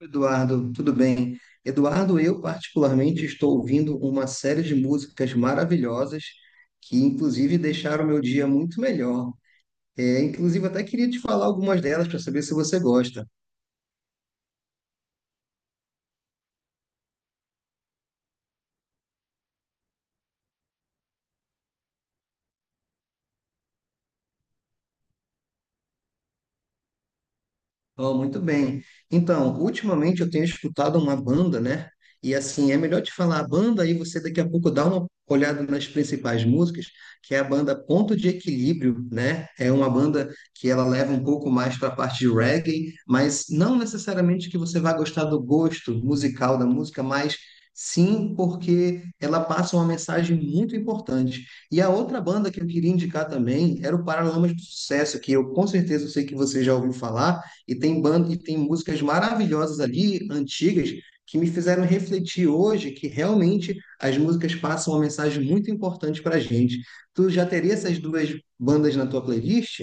Eduardo, tudo bem? Eduardo, eu particularmente estou ouvindo uma série de músicas maravilhosas que, inclusive, deixaram meu dia muito melhor. Inclusive, até queria te falar algumas delas para saber se você gosta. Oh, muito bem. Então, ultimamente eu tenho escutado uma banda, né? E assim, é melhor te falar a banda aí você daqui a pouco dá uma olhada nas principais músicas, que é a banda Ponto de Equilíbrio, né? É uma banda que ela leva um pouco mais para a parte de reggae, mas não necessariamente que você vá gostar do gosto musical da música, mas sim porque ela passa uma mensagem muito importante. E a outra banda que eu queria indicar também era o Paralamas do Sucesso, que eu com certeza sei que você já ouviu falar e tem banda, e tem músicas maravilhosas ali, antigas, que me fizeram refletir hoje que realmente as músicas passam uma mensagem muito importante para a gente. Tu já teria essas duas bandas na tua playlist?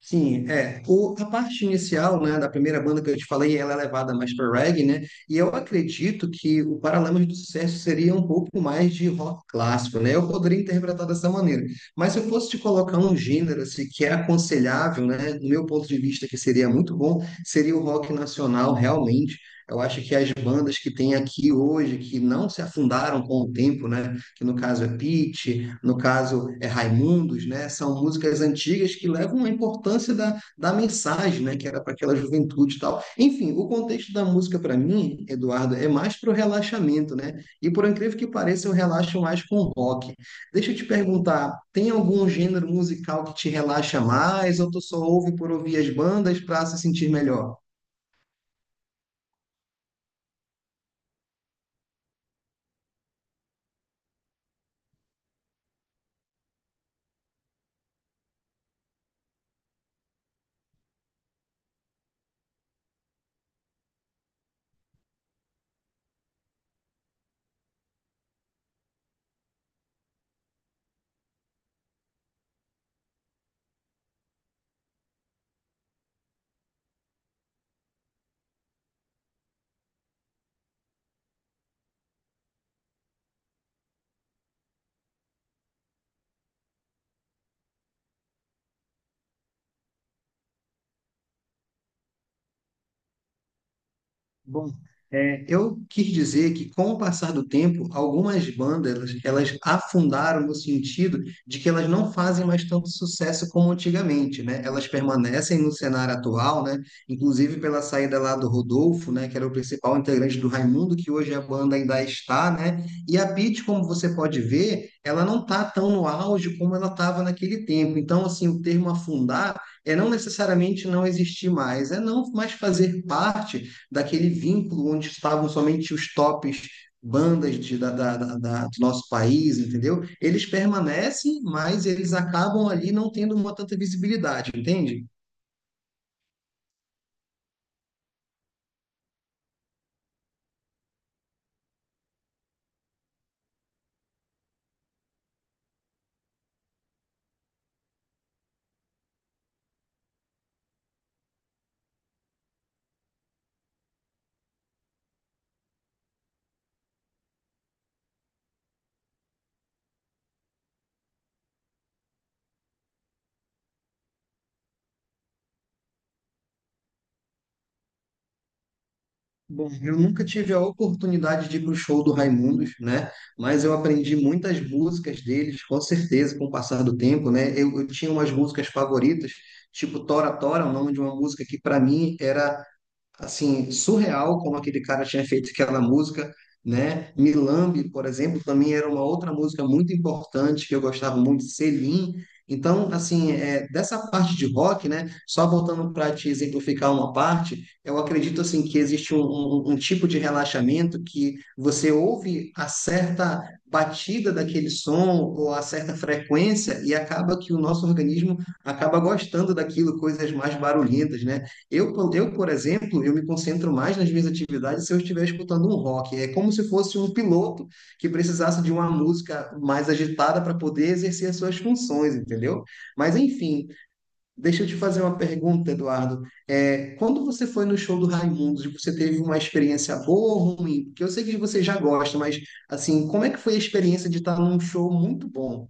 Sim, é. A parte inicial, né, da primeira banda que eu te falei, ela é levada mais para reggae, né? E eu acredito que o Paralamas do Sucesso seria um pouco mais de rock clássico, né? Eu poderia interpretar dessa maneira. Mas se eu fosse te colocar um gênero assim, que é aconselhável, né, do meu ponto de vista, que seria muito bom, seria o rock nacional, realmente. Eu acho que as bandas que tem aqui hoje, que não se afundaram com o tempo, né? Que no caso é Pitty, no caso é Raimundos, né? São músicas antigas que levam a importância da mensagem, né? Que era para aquela juventude e tal. Enfim, o contexto da música para mim, Eduardo, é mais para o relaxamento, né? E por incrível que pareça, eu relaxo mais com rock. Deixa eu te perguntar, tem algum gênero musical que te relaxa mais ou tu só ouve por ouvir as bandas para se sentir melhor? Bom, eu quis dizer que com o passar do tempo, algumas bandas elas afundaram no sentido de que elas não fazem mais tanto sucesso como antigamente, né? Elas permanecem no cenário atual, né? Inclusive pela saída lá do Rodolfo, né? Que era o principal integrante do Raimundo, que hoje a banda ainda está, né? E a Pitty, como você pode ver, ela não está tão no auge como ela estava naquele tempo. Então, assim, o termo afundar é não necessariamente não existir mais, é não mais fazer parte daquele vínculo onde estavam somente os tops bandas de, da, da, da, da- do nosso país, entendeu? Eles permanecem, mas eles acabam ali não tendo uma tanta visibilidade, entende? Bom, eu nunca tive a oportunidade de ir para o show do Raimundos, né? Mas eu aprendi muitas músicas deles, com certeza, com o passar do tempo, né? Eu tinha umas músicas favoritas, tipo Tora Tora, o nome de uma música que para mim era assim, surreal como aquele cara tinha feito aquela música, né? Milambe, por exemplo, também era uma outra música muito importante que eu gostava muito, Selim. Então, assim, dessa parte de rock, né? Só voltando para te exemplificar uma parte, eu acredito assim que existe um tipo de relaxamento que você ouve a certa batida daquele som ou a certa frequência e acaba que o nosso organismo acaba gostando daquilo, coisas mais barulhentas, né? Eu, por exemplo, eu me concentro mais nas minhas atividades se eu estiver escutando um rock. É como se fosse um piloto que precisasse de uma música mais agitada para poder exercer as suas funções, entendeu? Mas, enfim, deixa eu te fazer uma pergunta, Eduardo. Quando você foi no show do Raimundos, você teve uma experiência boa ou ruim? Porque eu sei que você já gosta, mas, assim, como é que foi a experiência de estar num show muito bom?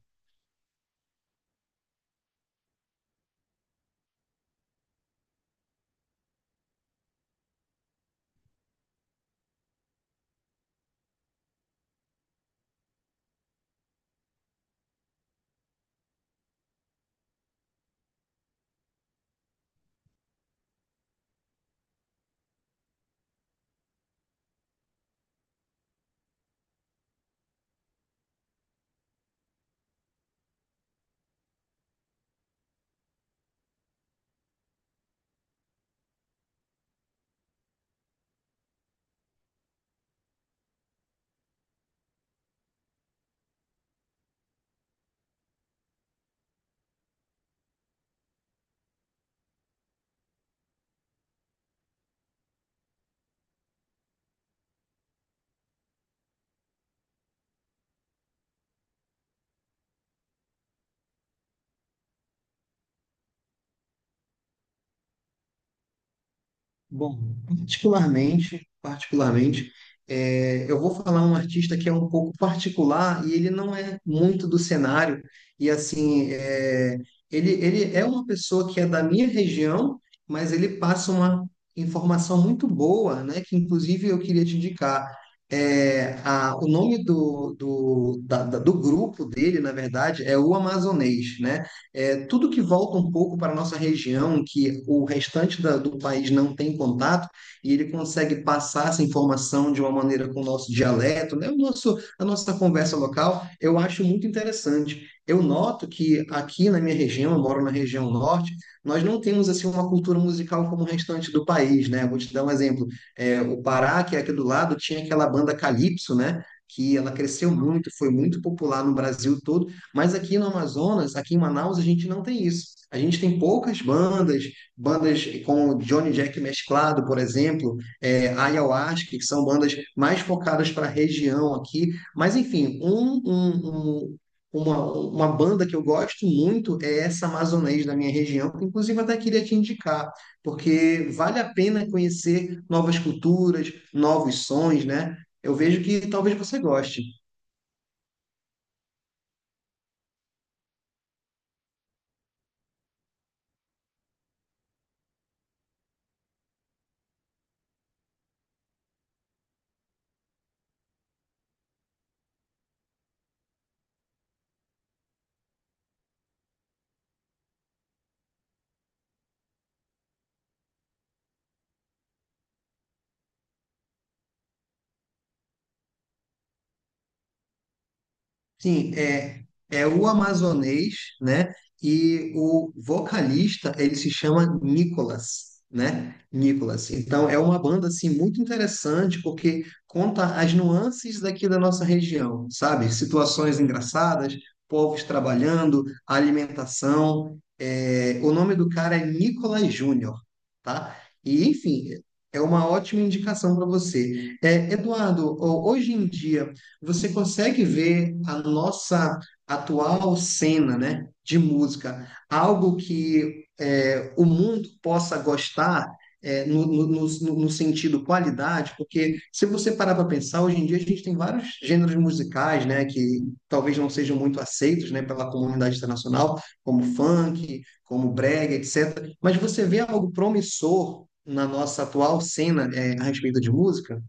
Bom, particularmente, eu vou falar um artista que é um pouco particular e ele não é muito do cenário. E assim, ele é uma pessoa que é da minha região, mas ele passa uma informação muito boa, né? Que inclusive eu queria te indicar. O nome do grupo dele, na verdade, é o Amazonês, né? Tudo que volta um pouco para a nossa região, que o restante do país não tem contato, e ele consegue passar essa informação de uma maneira com o nosso dialeto, né? O nosso, a nossa conversa local, eu acho muito interessante. Eu noto que aqui na minha região, eu moro na região norte, nós não temos assim uma cultura musical como o restante do país, né? Vou te dar um exemplo. O Pará, que é aqui do lado, tinha aquela banda Calypso, né? Que ela cresceu muito, foi muito popular no Brasil todo, mas aqui no Amazonas, aqui em Manaus, a gente não tem isso. A gente tem poucas bandas, bandas como Johnny Jack mesclado, por exemplo, Ayahuasca, que são bandas mais focadas para a região aqui. Mas, enfim, uma, uma banda que eu gosto muito é essa amazonês da minha região, que inclusive até queria te indicar, porque vale a pena conhecer novas culturas, novos sons, né? Eu vejo que talvez você goste. Sim, é o amazonês, né? E o vocalista, ele se chama Nicolas, né? Nicolas. Então, é uma banda, assim, muito interessante, porque conta as nuances daqui da nossa região, sabe? Situações engraçadas, povos trabalhando, alimentação. É, o nome do cara é Nicolas Júnior, tá? E, enfim, é uma ótima indicação para você. Eduardo, hoje em dia, você consegue ver a nossa atual cena, né, de música, algo que é, o mundo possa gostar no sentido qualidade, porque se você parar para pensar, hoje em dia a gente tem vários gêneros musicais, né, que talvez não sejam muito aceitos, né, pela comunidade internacional, como funk, como brega, etc. Mas você vê algo promissor na nossa atual cena, a respeito de música?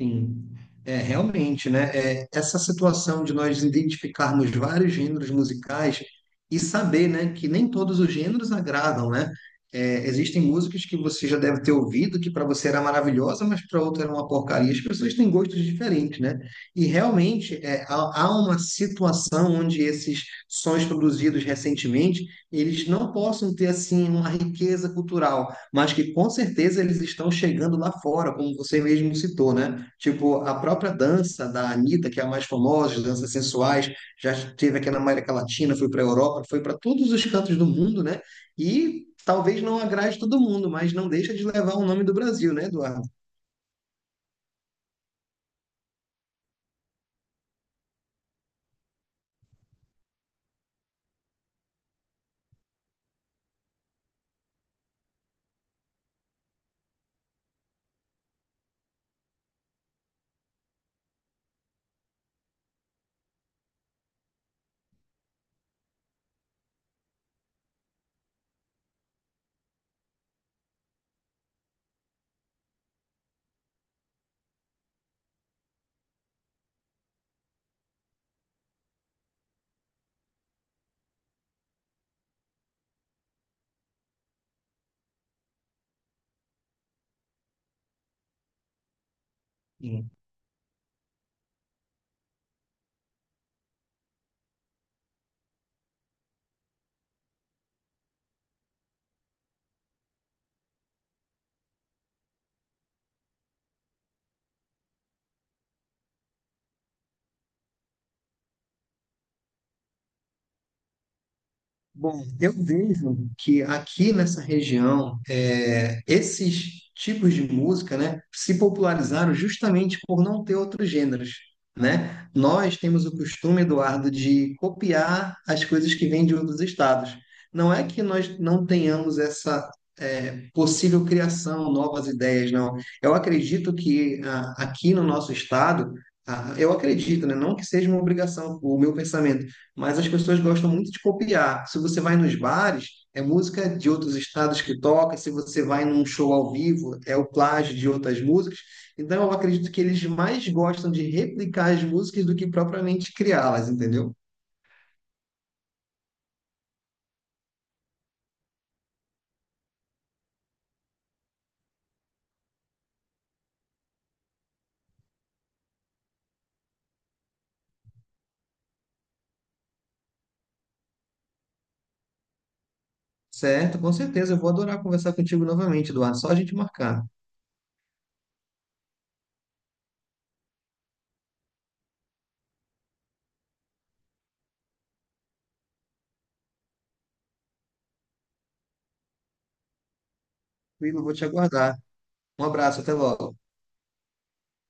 Sim, é realmente, né? Essa situação de nós identificarmos vários gêneros musicais e saber, né, que nem todos os gêneros agradam, né? É, existem músicas que você já deve ter ouvido que para você era maravilhosa, mas para outra era uma porcaria. As pessoas têm gostos diferentes, né? E realmente há uma situação onde esses sons produzidos recentemente eles não possam ter assim uma riqueza cultural, mas que com certeza eles estão chegando lá fora, como você mesmo citou, né? Tipo, a própria dança da Anitta, que é a mais famosa, as danças sensuais, já esteve aqui na América Latina, foi para a Europa, foi para todos os cantos do mundo, né? E talvez não agrade todo mundo, mas não deixa de levar o nome do Brasil, né, Eduardo? Bom, eu vejo que aqui nessa região, esses tipos de música, né, se popularizaram justamente por não ter outros gêneros, né? Nós temos o costume, Eduardo, de copiar as coisas que vêm de outros estados. Não é que nós não tenhamos essa, possível criação, novas ideias, não. Eu acredito que ah, aqui no nosso estado, ah, eu acredito, né, não que seja uma obrigação, o meu pensamento, mas as pessoas gostam muito de copiar. Se você vai nos bares, é música de outros estados que toca, se você vai num show ao vivo, é o plágio de outras músicas. Então, eu acredito que eles mais gostam de replicar as músicas do que propriamente criá-las, entendeu? Certo, com certeza. Eu vou adorar conversar contigo novamente, Eduardo. Só a gente marcar. Will, eu vou te aguardar. Um abraço, até logo.